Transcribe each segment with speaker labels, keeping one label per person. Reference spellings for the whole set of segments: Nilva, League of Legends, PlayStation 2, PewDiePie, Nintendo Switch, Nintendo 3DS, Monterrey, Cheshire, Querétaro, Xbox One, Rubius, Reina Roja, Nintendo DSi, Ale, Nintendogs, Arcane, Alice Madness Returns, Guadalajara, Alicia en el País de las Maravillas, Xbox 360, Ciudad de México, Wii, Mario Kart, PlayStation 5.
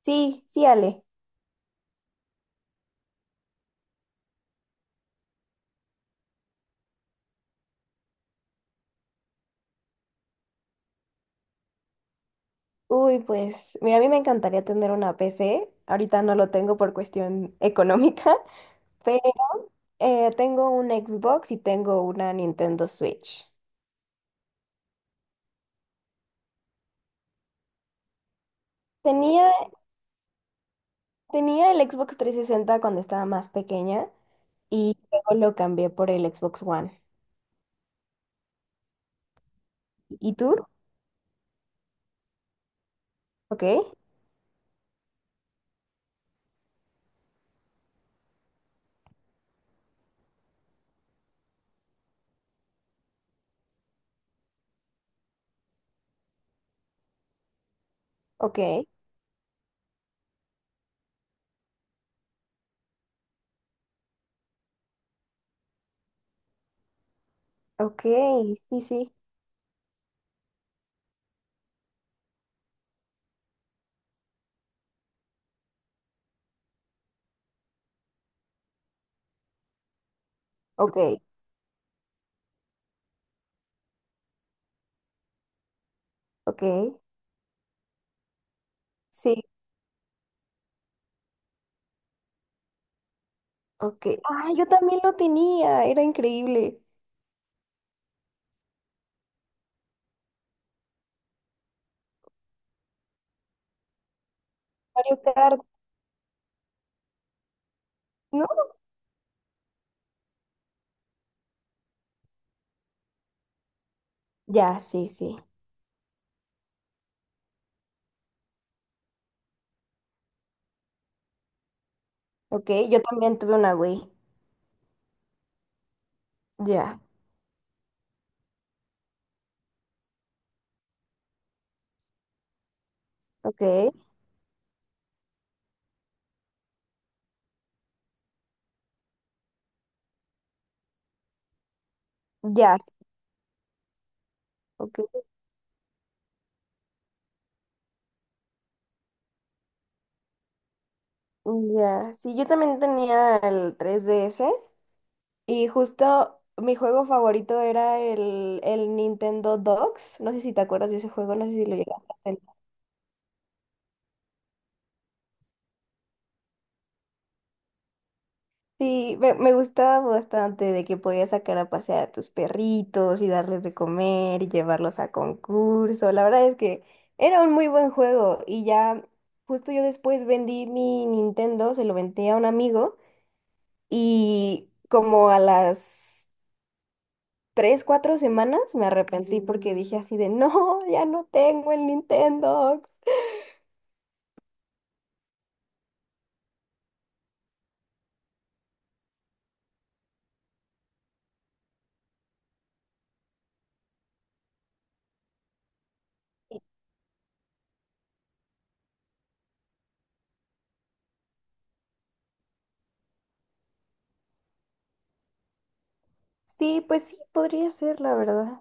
Speaker 1: Sí, sí, Ale. Uy, pues mira, a mí me encantaría tener una PC. Ahorita no lo tengo por cuestión económica, pero tengo un Xbox y tengo una Nintendo Switch. Tenía, tenía el Xbox 360 cuando estaba más pequeña y luego lo cambié por el Xbox One. ¿Y tú? Ok, ok, ok, sí, sí, ok, ok, sí, ok. Ah, yo también lo tenía, era increíble. Mario Kart, ¿no? Ya, sí, sí. Ok, yo también tuve una Wii. Ya, ok. Ya, sí, ok. Ya, sí, yo también tenía el 3DS y justo mi juego favorito era el Nintendo Dogs. No sé si te acuerdas de ese juego, no sé si lo llegaste a tener. Sí, me gustaba bastante de que podías sacar a pasear a tus perritos y darles de comer y llevarlos a concurso. La verdad es que era un muy buen juego y ya justo yo después vendí mi Nintendo, se lo vendí a un amigo. Y como a las tres, cuatro semanas me arrepentí porque dije así de, no, ya no tengo el Nintendo. Sí, pues sí, podría ser, la verdad.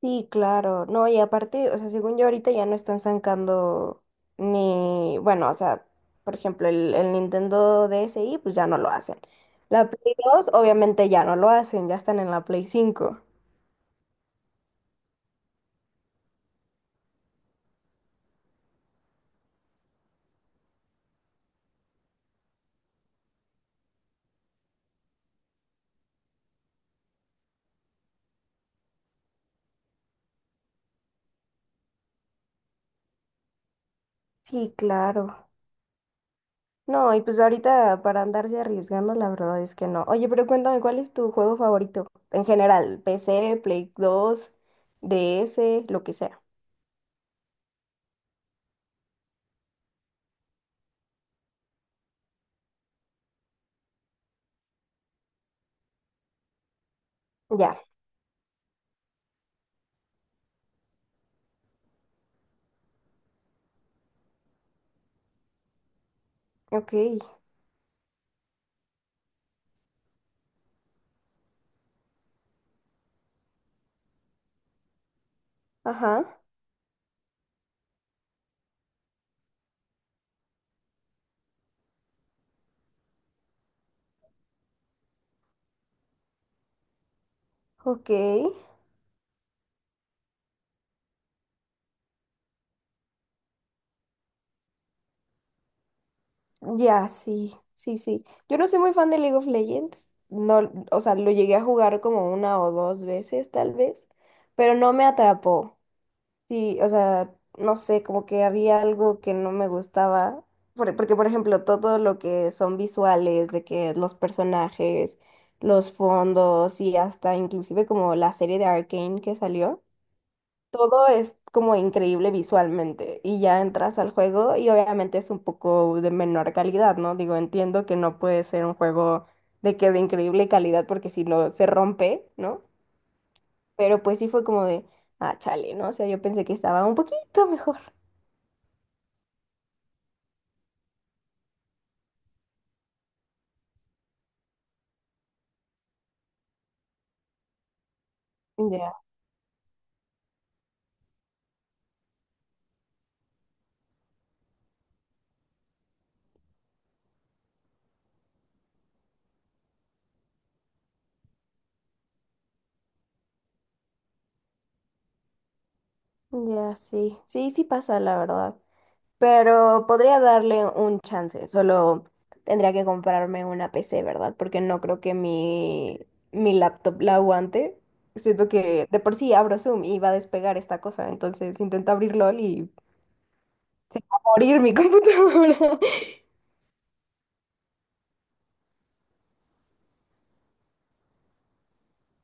Speaker 1: Sí, claro. No, y aparte, o sea, según yo ahorita ya no están sacando ni, bueno, o sea, por ejemplo, el Nintendo DSi, pues ya no lo hacen. La Play 2 obviamente ya no lo hacen, ya están en la Play 5. Sí, claro. No, y pues ahorita para andarse arriesgando, la verdad es que no. Oye, pero cuéntame, ¿cuál es tu juego favorito? En general, PC, Play 2, DS, lo que sea. Ya, ok, ajá, ok. Ya, sí, sí, sí. Yo no soy muy fan de League of Legends. No, o sea, lo llegué a jugar como una o dos veces, tal vez, pero no me atrapó. Sí, o sea, no sé, como que había algo que no me gustaba, porque por ejemplo, todo lo que son visuales, de que los personajes, los fondos y hasta inclusive como la serie de Arcane que salió, todo es como increíble visualmente y ya entras al juego y obviamente es un poco de menor calidad, ¿no? Digo, entiendo que no puede ser un juego de que de increíble calidad porque si no se rompe, ¿no? Pero pues sí fue como de, ah, chale, ¿no? O sea, yo pensé que estaba un poquito mejor. Ya, ya, sí. Sí, sí pasa, la verdad. Pero podría darle un chance. Solo tendría que comprarme una PC, ¿verdad? Porque no creo que mi laptop la aguante. Siento que de por sí abro Zoom y va a despegar esta cosa. Entonces intento abrir LOL y se va a morir mi computadora.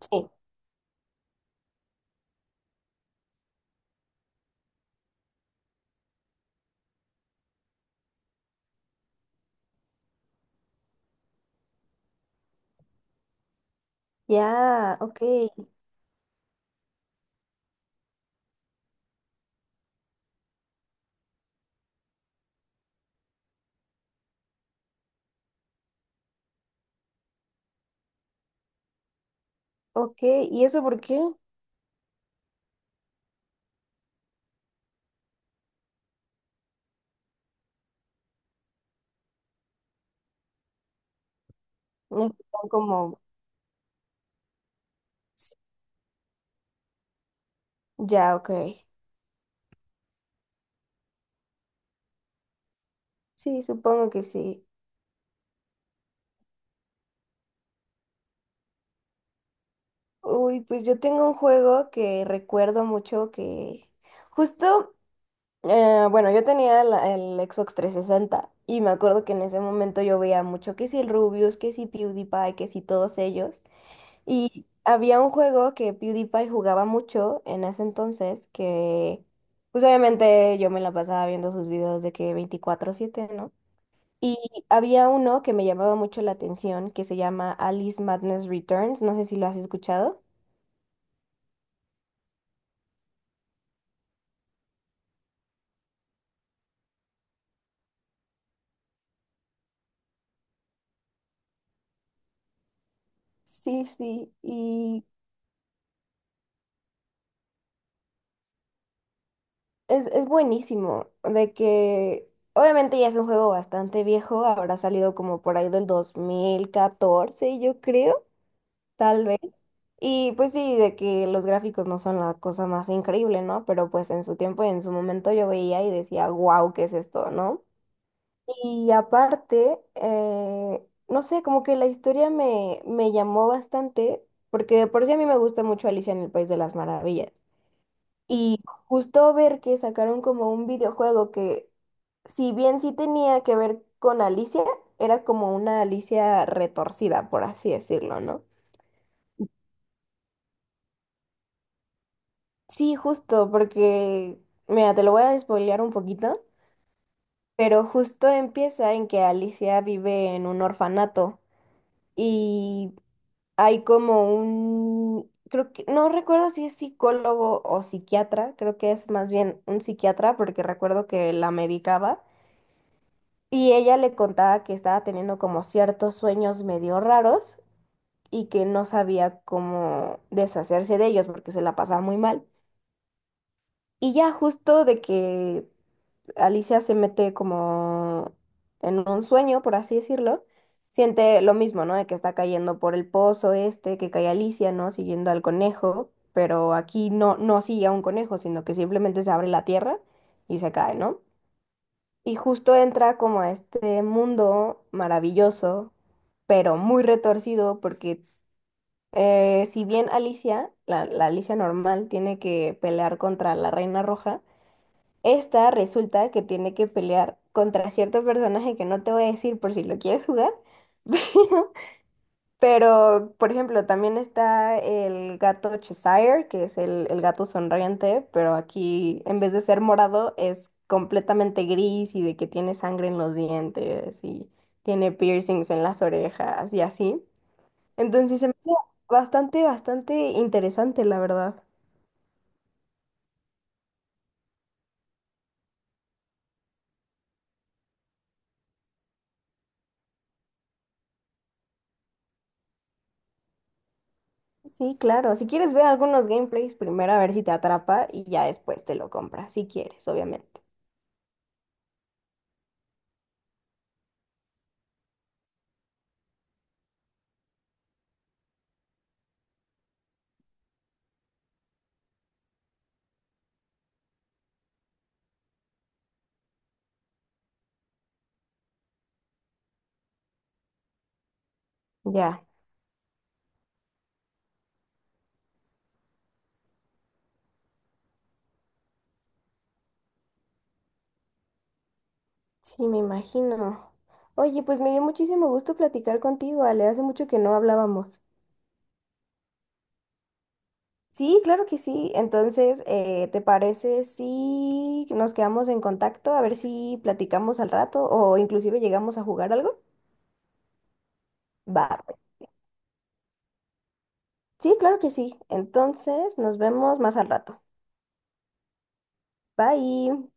Speaker 1: Sí. Ya, ok, ok. ¿Y eso por qué? Necesitan como... Ya, ok. Sí, supongo que sí. Uy, pues yo tengo un juego que recuerdo mucho que justo, bueno, yo tenía el Xbox 360 y me acuerdo que en ese momento yo veía mucho que si el Rubius, que si PewDiePie, que si todos ellos. Y había un juego que PewDiePie jugaba mucho en ese entonces que, pues obviamente yo me la pasaba viendo sus videos de que 24/7, ¿no? Y había uno que me llamaba mucho la atención, que se llama Alice Madness Returns, no sé si lo has escuchado. Sí, sí, y es buenísimo, de que obviamente ya es un juego bastante viejo, habrá salido como por ahí del 2014, yo creo, tal vez. Y pues sí, de que los gráficos no son la cosa más increíble, ¿no? Pero pues en su tiempo y en su momento yo veía y decía, wow, ¿qué es esto? No. Y aparte, no sé, como que la historia me llamó bastante, porque de por sí a mí me gusta mucho Alicia en el País de las Maravillas. Y justo ver que sacaron como un videojuego que, si bien sí tenía que ver con Alicia, era como una Alicia retorcida, por así decirlo, ¿no? Sí, justo, porque, mira, te lo voy a despoilear un poquito, pero justo empieza en que Alicia vive en un orfanato. Y hay como un, creo que, no recuerdo si es psicólogo o psiquiatra, creo que es más bien un psiquiatra porque recuerdo que la medicaba y ella le contaba que estaba teniendo como ciertos sueños medio raros y que no sabía cómo deshacerse de ellos porque se la pasaba muy mal. Y ya justo de que Alicia se mete como en un sueño, por así decirlo, siente lo mismo, ¿no? De que está cayendo por el pozo este, que cae Alicia, ¿no? Siguiendo al conejo, pero aquí no, no sigue a un conejo, sino que simplemente se abre la tierra y se cae, ¿no? Y justo entra como a este mundo maravilloso, pero muy retorcido, porque si bien Alicia, la Alicia normal, tiene que pelear contra la Reina Roja, esta resulta que tiene que pelear contra cierto personaje que no te voy a decir por si lo quieres jugar, pero, por ejemplo, también está el gato Cheshire, que es el gato sonriente, pero aquí en vez de ser morado es completamente gris y de que tiene sangre en los dientes y tiene piercings en las orejas y así. Entonces se me hace bastante, bastante interesante, la verdad. Sí, claro. Si quieres, ve algunos gameplays primero a ver si te atrapa y ya después te lo compras, si quieres, obviamente. Ya, sí, me imagino. Oye, pues me dio muchísimo gusto platicar contigo, Ale. Hace mucho que no hablábamos. Sí, claro que sí. Entonces, ¿te parece si nos quedamos en contacto? A ver si platicamos al rato o inclusive llegamos a jugar algo. Va. Sí, claro que sí. Entonces, nos vemos más al rato. Bye.